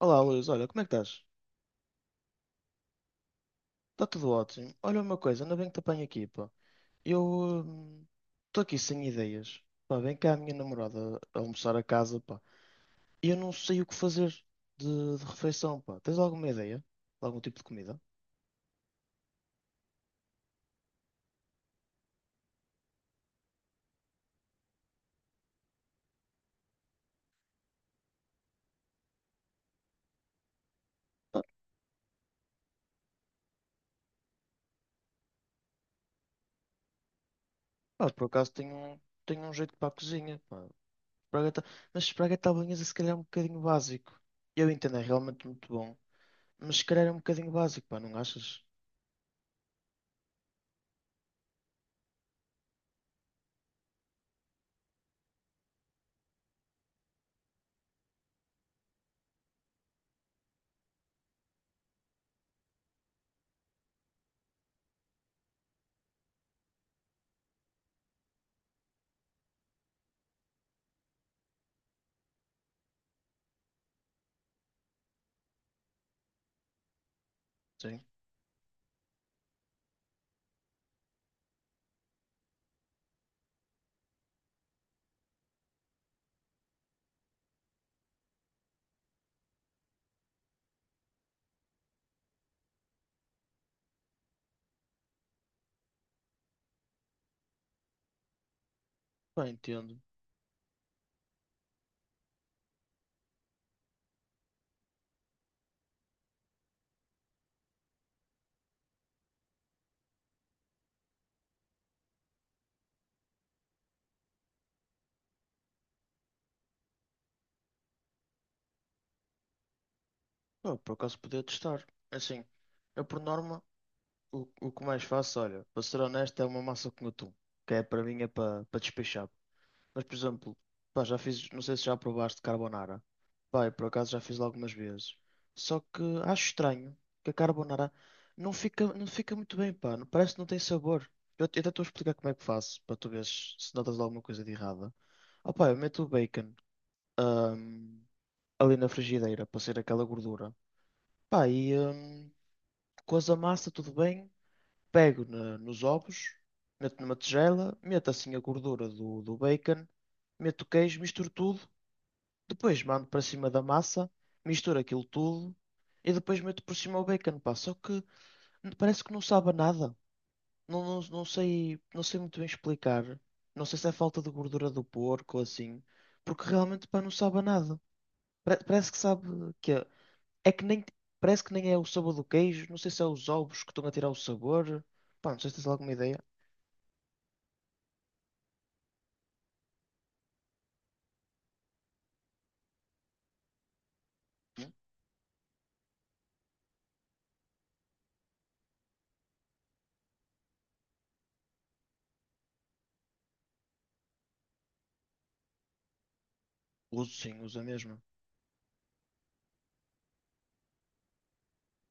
Olá, Luís, olha, como é que estás? Está tudo ótimo. Olha uma coisa, ainda bem que te apanho aqui, pá. Eu estou aqui sem ideias. Pá, vem cá a minha namorada a almoçar a casa, pá. E eu não sei o que fazer de refeição, pá. Tens alguma ideia? De algum tipo de comida? Pá, pá, por acaso tenho, tenho um jeito para a cozinha, pá. Espargata- mas espargueta à bolonhesa se calhar é um bocadinho básico. Eu entendo, é realmente muito bom. Mas se calhar é um bocadinho básico, pá, não achas? Sim. Pá, entendo. Pá, por acaso podia testar. É assim, eu por norma, o que mais faço, olha, para ser honesto, é uma massa com atum, que é para mim é para para despechar. Mas, por exemplo, pá, já fiz, não sei se já provaste carbonara. Pá, eu por acaso já fiz lá algumas vezes. Só que acho estranho que a carbonara não fica muito bem, pá, parece que não tem sabor. Eu até estou a explicar como é que faço, para tu veres se notas alguma coisa de errada. Ah, pá, eu meto o bacon, ahm, ali na frigideira, para ser aquela gordura. Pá, cozo a massa, tudo bem. Pego nos ovos, meto numa tigela, meto assim a gordura do bacon, meto o queijo, misturo tudo. Depois mando para cima da massa, misturo aquilo tudo e depois meto por cima o bacon, pá. Só que parece que não sabe a nada. Não sei, não sei muito bem explicar. Não sei se é falta de gordura do porco ou assim, porque realmente, pá, não sabe a nada. Parece que sabe que é é que nem. Parece que nem é o sabor do queijo. Não sei se é os ovos que estão a tirar o sabor. Pá, não sei se tens alguma ideia. Hum? Uso sim, uso a mesma.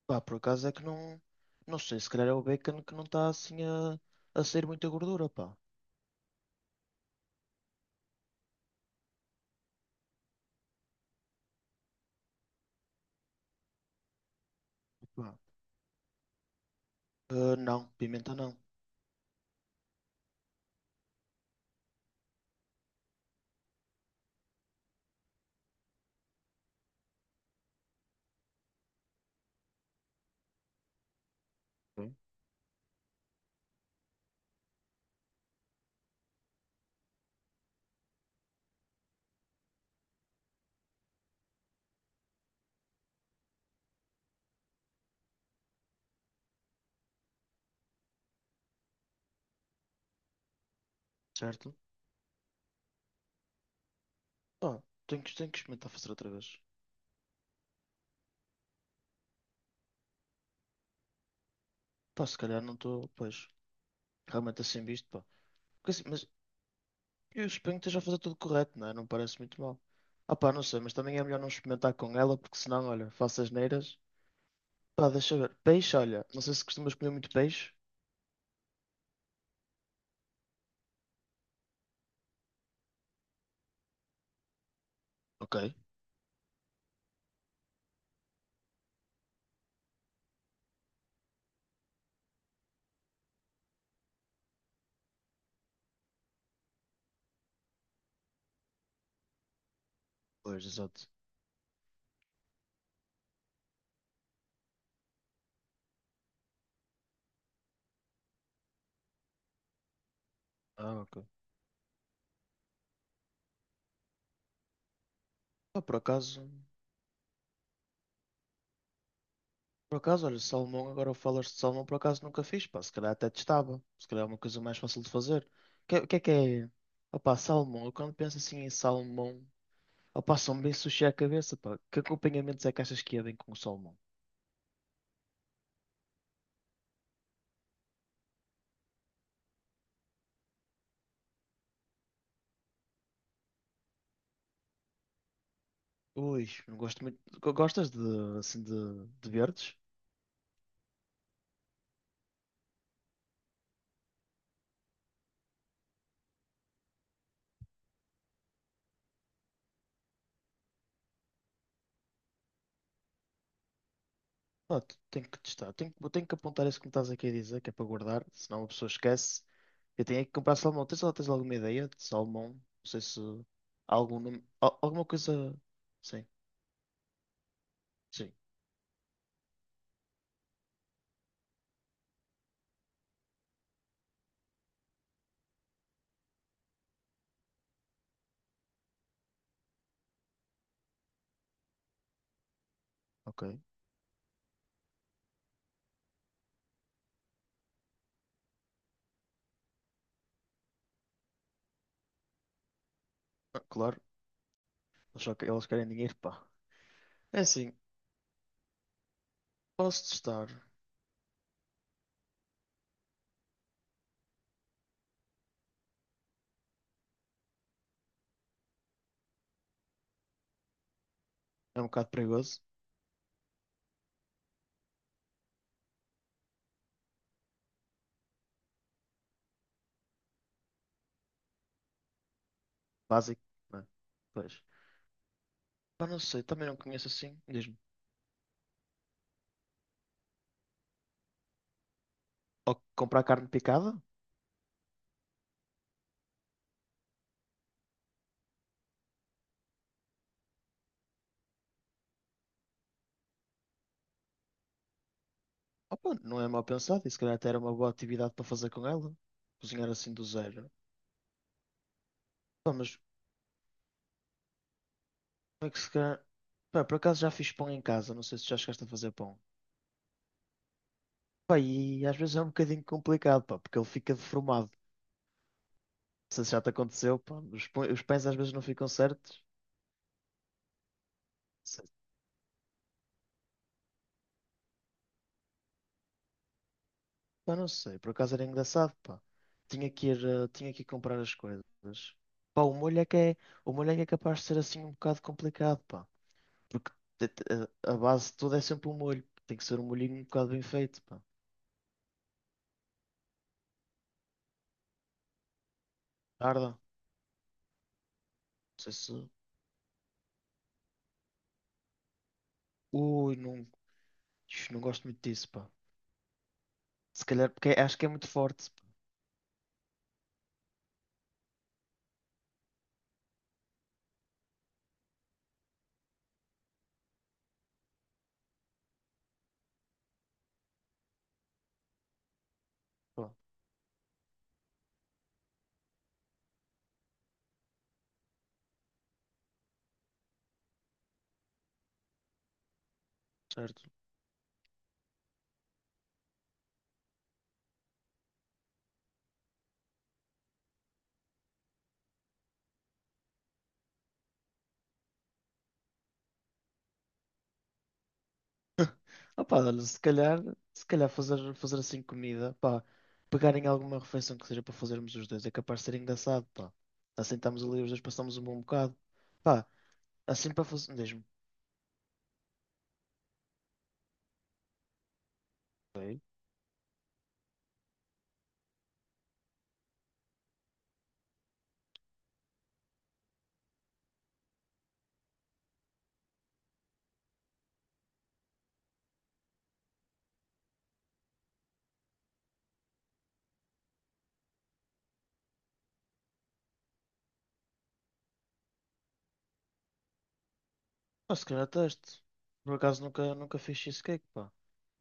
Pá, por acaso é que não. Não sei, se calhar é o bacon que não está assim a sair muita gordura, pá. Pá, ah, não, pimenta não. Sim. Certo? Pá, tenho que experimentar fazer outra vez. Pá, se calhar não estou, pois, realmente assim visto, pá. Porque assim, mas eu suponho que esteja a fazer tudo correto, não é? Não me parece muito mal. Ah pá, não sei, mas também é melhor não experimentar com ela, porque senão, olha, faço asneiras. Pá, deixa eu ver. Peixe, olha, não sei se costumas comer muito peixe. Ok, pois, exato. Ah, ok. Pá, por acaso, por acaso, olha, salmão, agora falas de salmão, por acaso nunca fiz, pá, se calhar até testava. Se calhar é uma coisa mais fácil de fazer. Que é que é? Opá, salmão, eu quando penso assim em salmão, opá, são bem sushi à cabeça, pá. Que acompanhamentos é que achas que é bem com o salmão? Ui, não gosto muito. Gostas assim, de, de verdes? Não, tenho que testar. Tenho que apontar isso que me estás aqui a dizer, que é para guardar, senão a pessoa esquece. Eu tenho é que comprar salmão. Tens alguma ideia de salmão? Não sei se há algum nome. Alguma coisa. Sim, sim. Ok. Ah, claro. Eles eles querem dinheiro, pá. É assim, posso testar. É um bocado perigoso. Básico, né? Pois. Mas não sei, também não conheço assim. Diz-me. Ou comprar carne picada? Opa, não é mal pensado. E se calhar até era uma boa atividade para fazer com ela. Cozinhar assim do zero. Pá, mas é que se calhar... Pá, por acaso já fiz pão em casa, não sei se já chegaste a fazer pão. Pá, e às vezes é um bocadinho complicado, pá, porque ele fica deformado. Não sei se já te aconteceu, pá, os pães às vezes não ficam certos. Não sei. Pá, não sei, por acaso era engraçado, pá. Tinha que ir, tinha que ir comprar as coisas. Pá, o molho é que é capaz de ser assim um bocado complicado, pá. Porque te- te- a base de tudo é sempre o molho. Tem que ser um molhinho um bocado bem feito, pá. Tarda, não sei se... Ui, não, não gosto muito disso, pá. Se calhar, porque é, acho que é muito forte. Pá, certo. Opa, olha, se calhar, fazer assim comida, pá, pegarem alguma refeição que seja para fazermos os dois, é capaz de ser engraçado, pá. Assim estamos ali os dois, passamos um bom bocado. Pá, assim para fazer. Diz-me, ok. Pá, se calhar teste. Por acaso nunca fiz cheesecake, pá.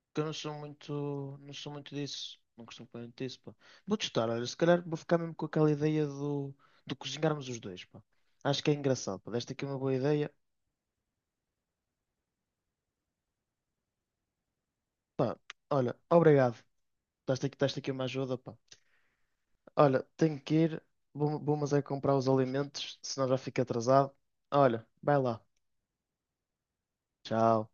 Porque eu não sou muito disso. Não costumo comer muito disso, pá. Vou testar, olha, se calhar vou ficar mesmo com aquela ideia do, de cozinharmos os dois, pá. Acho que é engraçado, pá. Deste aqui uma boa ideia. Pá, olha, obrigado. Estás aqui uma ajuda, pá. Olha, tenho que ir. Vou mas é comprar os alimentos, senão já fico atrasado. Olha, vai lá. Tchau.